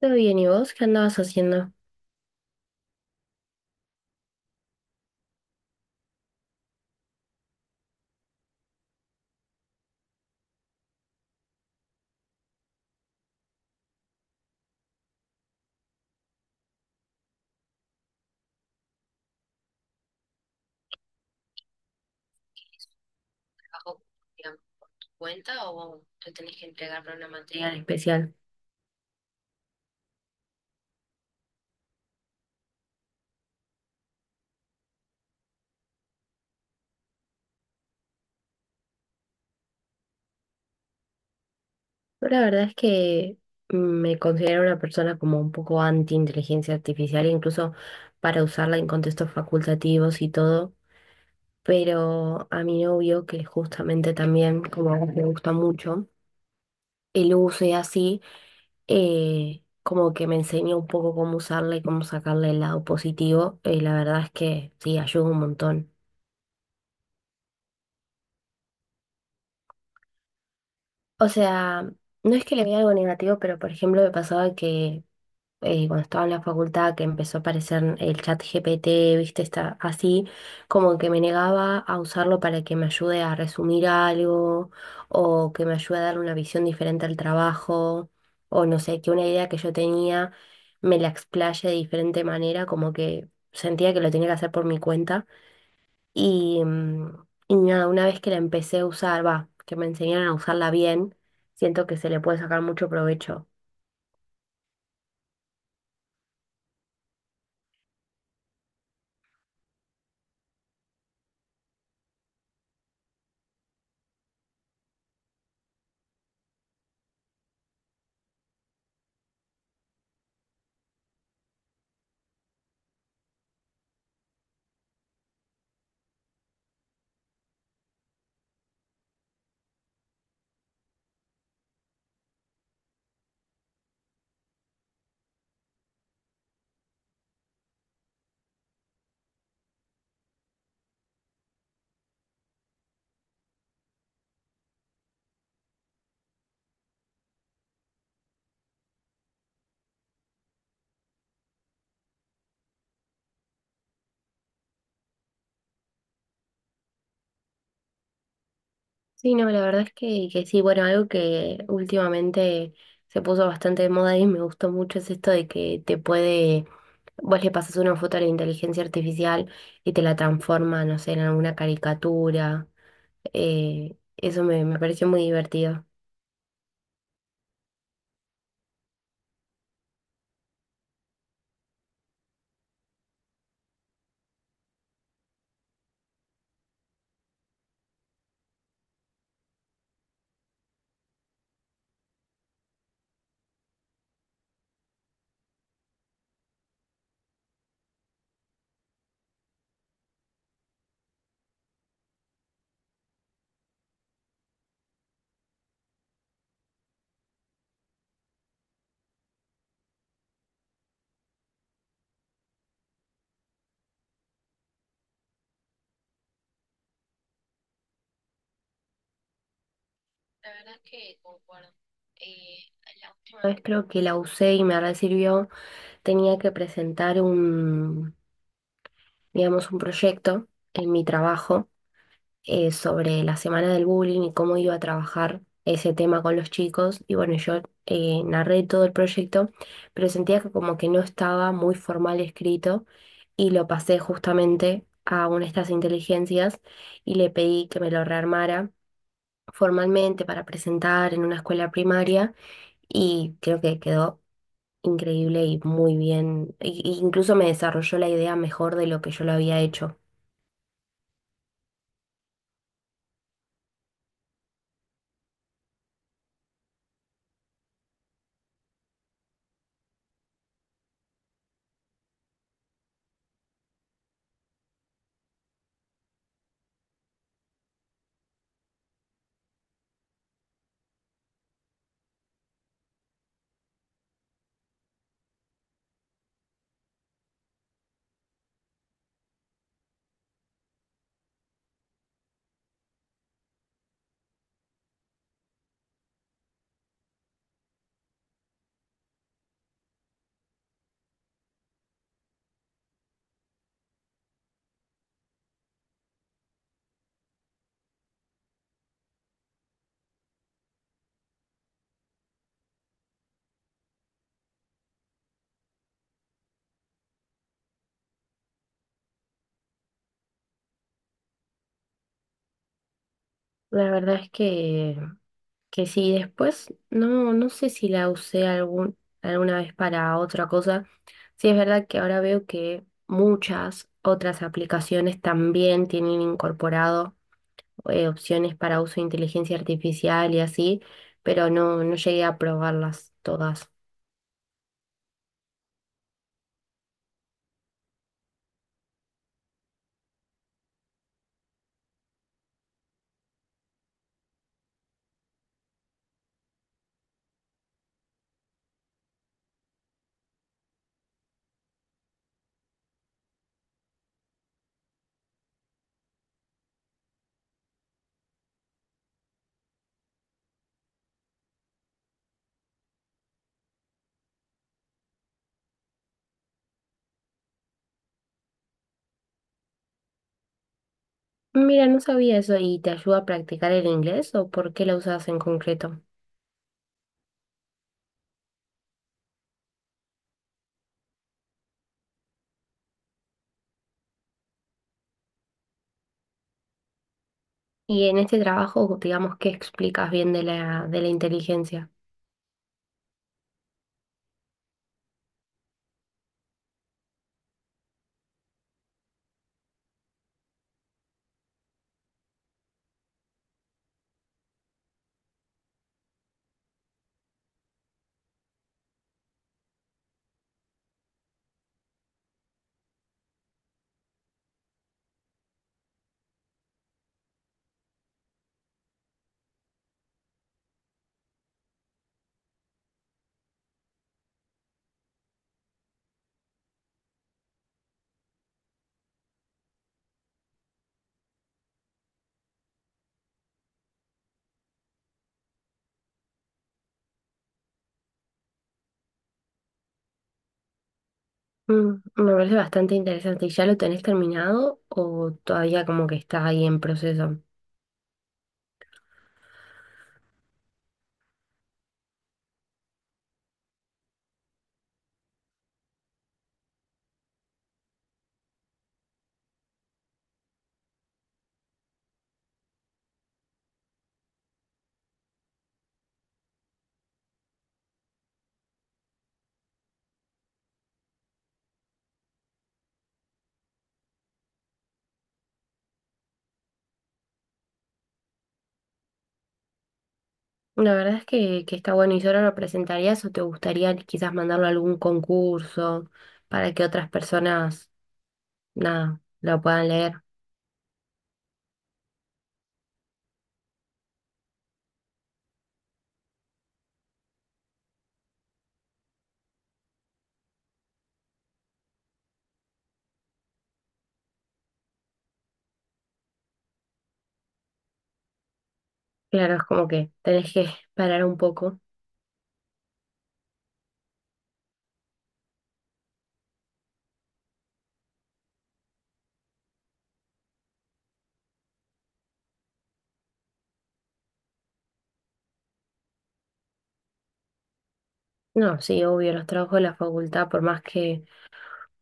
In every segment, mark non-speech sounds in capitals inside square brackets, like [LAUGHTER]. Todo bien, ¿y vos qué andabas haciendo? ¿Bajo, digamos, cuenta o te tenés que entregar para una materia en especial? Especial. Yo la verdad es que me considero una persona como un poco anti-inteligencia artificial, incluso para usarla en contextos facultativos y todo, pero a mi novio, que justamente también como a él le gusta mucho, el uso y así, como que me enseña un poco cómo usarla y cómo sacarle el lado positivo, y la verdad es que sí, ayuda un montón. O sea, no es que le vea algo negativo, pero por ejemplo me pasaba que cuando estaba en la facultad que empezó a aparecer el chat GPT, viste, está así, como que me negaba a usarlo para que me ayude a resumir algo o que me ayude a dar una visión diferente al trabajo o no sé, que una idea que yo tenía me la explaye de diferente manera, como que sentía que lo tenía que hacer por mi cuenta. Y, y nada, una vez que la empecé a usar, va, que me enseñaron a usarla bien, siento que se le puede sacar mucho provecho. Sí, no, la verdad es que sí, bueno, algo que últimamente se puso bastante de moda y me gustó mucho es esto de que te puede, vos le pasas una foto a la inteligencia artificial y te la transforma, no sé, en alguna caricatura. Eso me pareció muy divertido. Y una vez creo que la usé y me sirvió, tenía que presentar un, digamos, un proyecto en mi trabajo, sobre la semana del bullying y cómo iba a trabajar ese tema con los chicos. Y bueno, yo narré todo el proyecto, pero sentía que como que no estaba muy formal escrito y lo pasé justamente a una de estas inteligencias y le pedí que me lo rearmara formalmente para presentar en una escuela primaria y creo que quedó increíble y muy bien. E incluso me desarrolló la idea mejor de lo que yo lo había hecho. La verdad es que sí, después no, no sé si la usé algún, alguna vez para otra cosa. Sí, es verdad que ahora veo que muchas otras aplicaciones también tienen incorporado opciones para uso de inteligencia artificial y así, pero no, no llegué a probarlas todas. Mira, no sabía eso, ¿y te ayuda a practicar el inglés o por qué la usas en concreto? Y en este trabajo, digamos, ¿qué explicas bien de la inteligencia? Mm, me parece bastante interesante. ¿Y ya lo tenés terminado o todavía como que está ahí en proceso? La verdad es que está bueno. ¿Y solo lo presentarías o te gustaría quizás mandarlo a algún concurso para que otras personas, nada, lo puedan leer? Claro, es como que tenés que [LAUGHS] parar un poco. No, sí, obvio, los trabajos de la facultad, por más que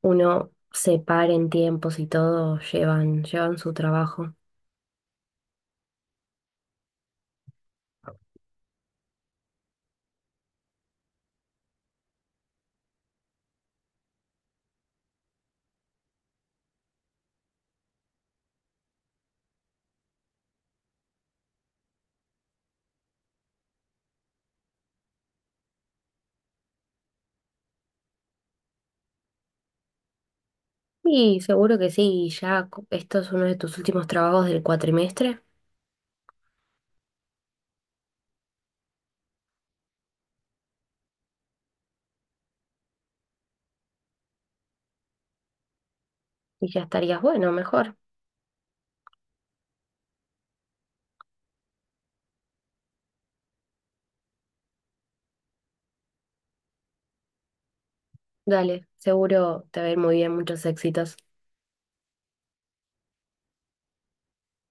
uno se pare en tiempos y todo, llevan, llevan su trabajo. Y seguro que sí, ya co- esto es uno de tus últimos trabajos del cuatrimestre. Y ya estarías bueno, mejor. Dale, seguro te va a ir muy bien, muchos éxitos.